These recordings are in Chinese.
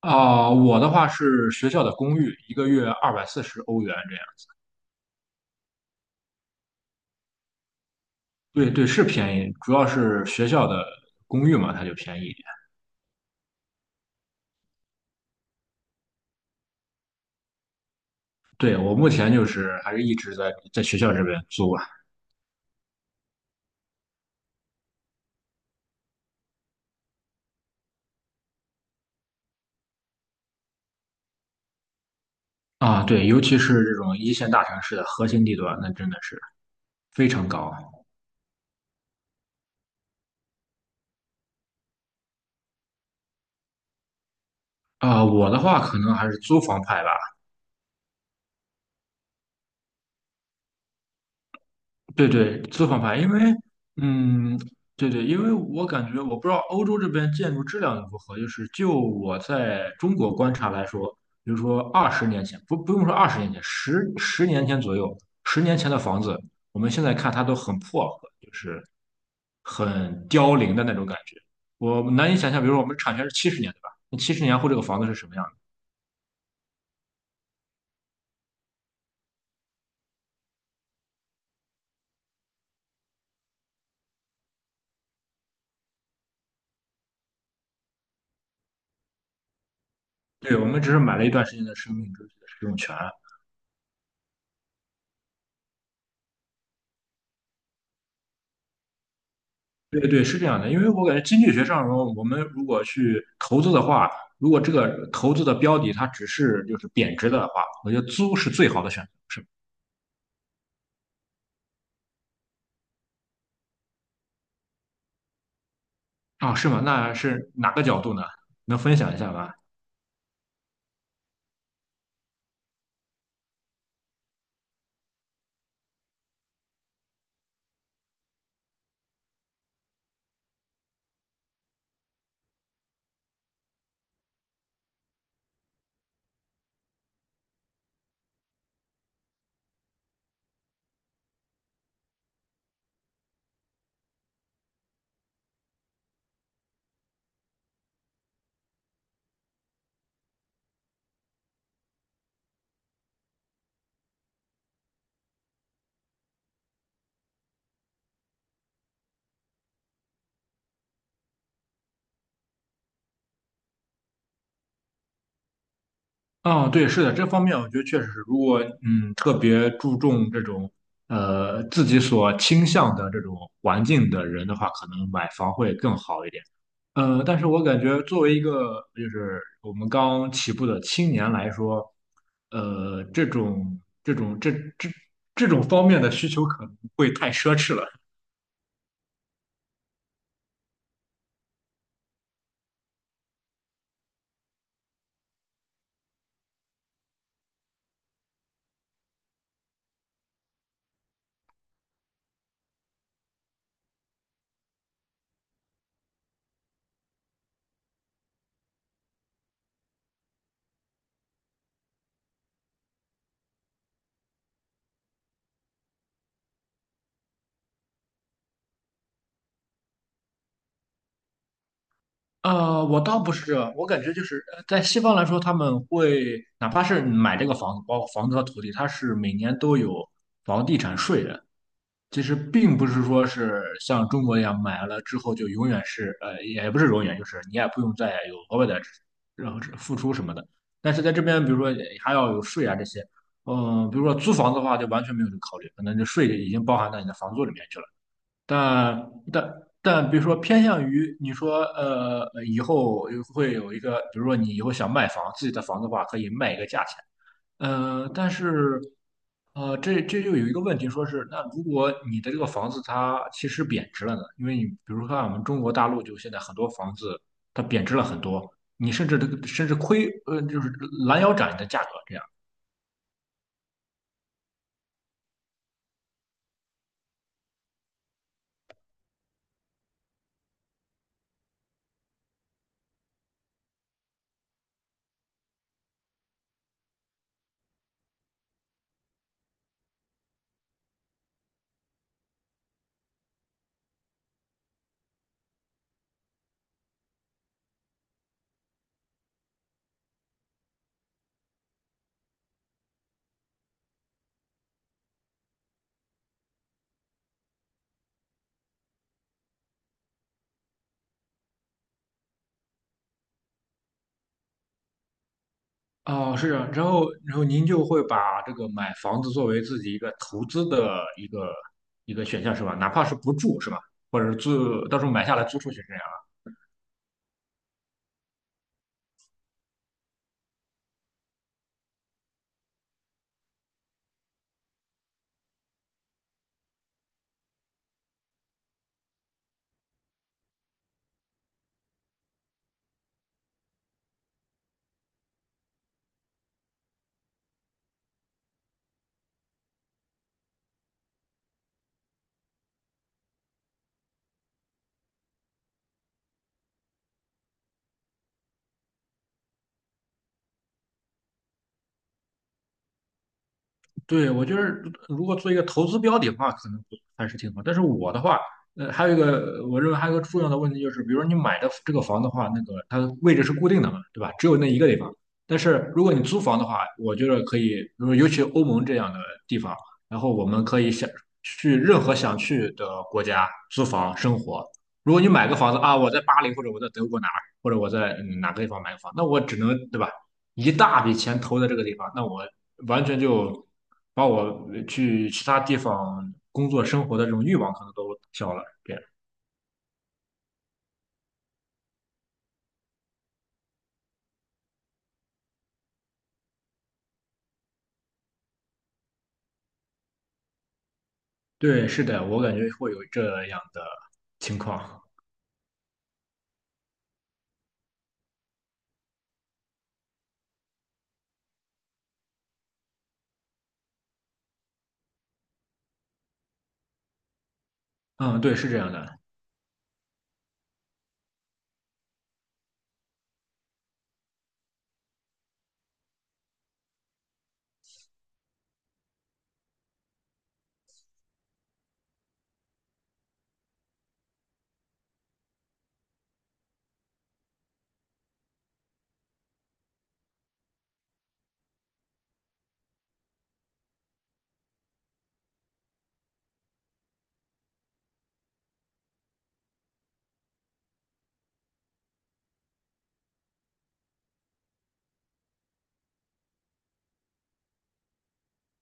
我的话是学校的公寓，一个月240欧元这样。对对，是便宜，主要是学校的公寓嘛，它就便宜一点。对，我目前就是还是一直在学校这边租啊。啊，对，尤其是这种一线大城市的核心地段，那真的是非常高啊。我的话可能还是租房派吧，对对，作房牌，因为嗯，对对，因为我感觉我不知道欧洲这边建筑质量如何，就是就我在中国观察来说，比如说二十年前，不用说二十年前，十年前左右，十年前的房子，我们现在看它都很破和就是很凋零的那种感觉。我难以想象，比如说我们产权是七十年，对吧？那七十年后这个房子是什么样的？对，我们只是买了一段时间的生命周期的使用权。对对，是这样的，因为我感觉经济学上，我们如果去投资的话，如果这个投资的标的它只是就是贬值的话，我觉得租是最好的选择，是吧。啊，是吗？那是哪个角度呢？能分享一下吗？哦，对，是的，这方面我觉得确实是，如果特别注重这种自己所倾向的这种环境的人的话，可能买房会更好一点。但是我感觉作为一个就是我们刚起步的青年来说，呃，这种这种这这这种方面的需求可能会太奢侈了。我倒不是这样，我感觉就是在西方来说，他们会哪怕是买这个房子，包括房子和土地，它是每年都有房地产税的。其实并不是说是像中国一样买了之后就永远是也不是永远，就是你也不用再有额外的然后付出什么的。但是在这边，比如说还要有税啊这些，比如说租房子的话就完全没有这个考虑，可能这税已经包含到你的房租里面去了。但但但比如说偏向于你说以后会有一个，比如说你以后想卖房，自己的房子的话可以卖一个价钱。但是，这就有一个问题，说是那如果你的这个房子它其实贬值了呢？因为你比如说看我们中国大陆，就现在很多房子它贬值了很多，你甚至亏，就是拦腰斩你的价格这样。哦，是啊，然后您就会把这个买房子作为自己一个投资的一个选项是吧？哪怕是不住是吧？或者是租，到时候买下来租出去这样。对，我觉得如果做一个投资标的的话，可能还是挺好。但是我的话，还有一个，我认为还有一个重要的问题就是，比如说你买的这个房的话，那个它的位置是固定的嘛，对吧？只有那一个地方。但是如果你租房的话，我觉得可以，比如尤其欧盟这样的地方，然后我们可以想去任何想去的国家租房生活。如果你买个房子啊，我在巴黎或者我在德国哪儿，或者我在哪个地方买个房，那我只能对吧？一大笔钱投在这个地方，那我完全就把我去其他地方工作生活的这种欲望可能都消了。这样，对，是的，我感觉会有这样的情况。嗯，对，是这样的。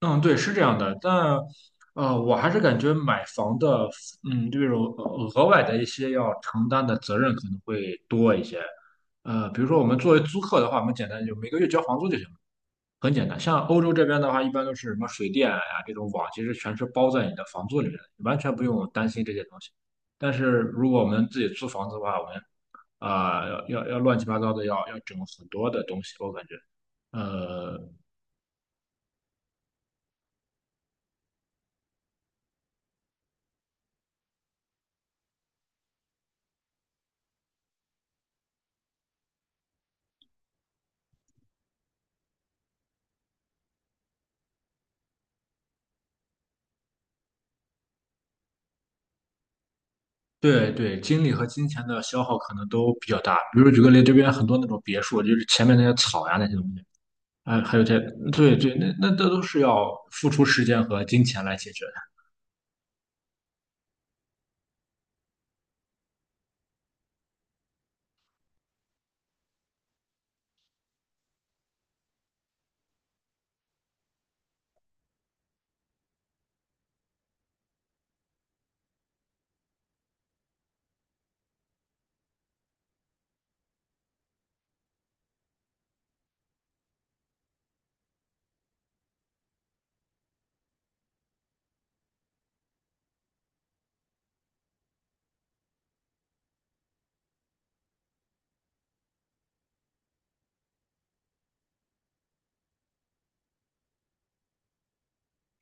嗯，对，是这样的。但我还是感觉买房的，嗯，这种额外的一些要承担的责任可能会多一些。比如说我们作为租客的话，我们简单就每个月交房租就行了。很简单，像欧洲这边的话，一般都是什么水电呀、这种网，其实全是包在你的房租里面的，你完全不用担心这些东西。但是如果我们自己租房子的话，我们要乱七八糟的，要整很多的东西，我感觉，呃，对对，精力和金钱的消耗可能都比较大。比如举个例，这边很多那种别墅，就是前面那些草呀那些东西，哎，还有这，对对，那这都是要付出时间和金钱来解决。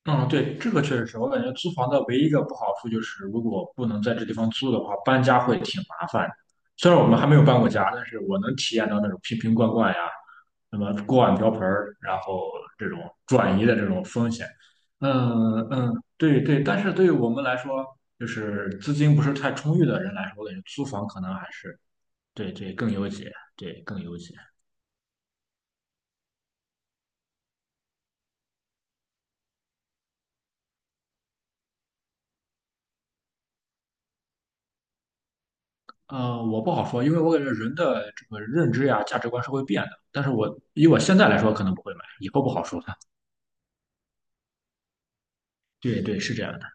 嗯，对，这个确实是我感觉租房的唯一一个不好处就是，如果不能在这地方租的话，搬家会挺麻烦的。虽然我们还没有搬过家，但是我能体验到那种瓶瓶罐罐呀，什么锅碗瓢盆儿，然后这种转移的这种风险。嗯嗯，对对，但是对于我们来说，就是资金不是太充裕的人来说，我感觉租房可能还是对对更优解，对更优解。我不好说，因为我感觉人的这个认知呀、价值观是会变的。但是我以我现在来说，可能不会买，以后不好说了。对对，是这样的。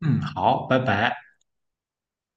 嗯，好，拜拜。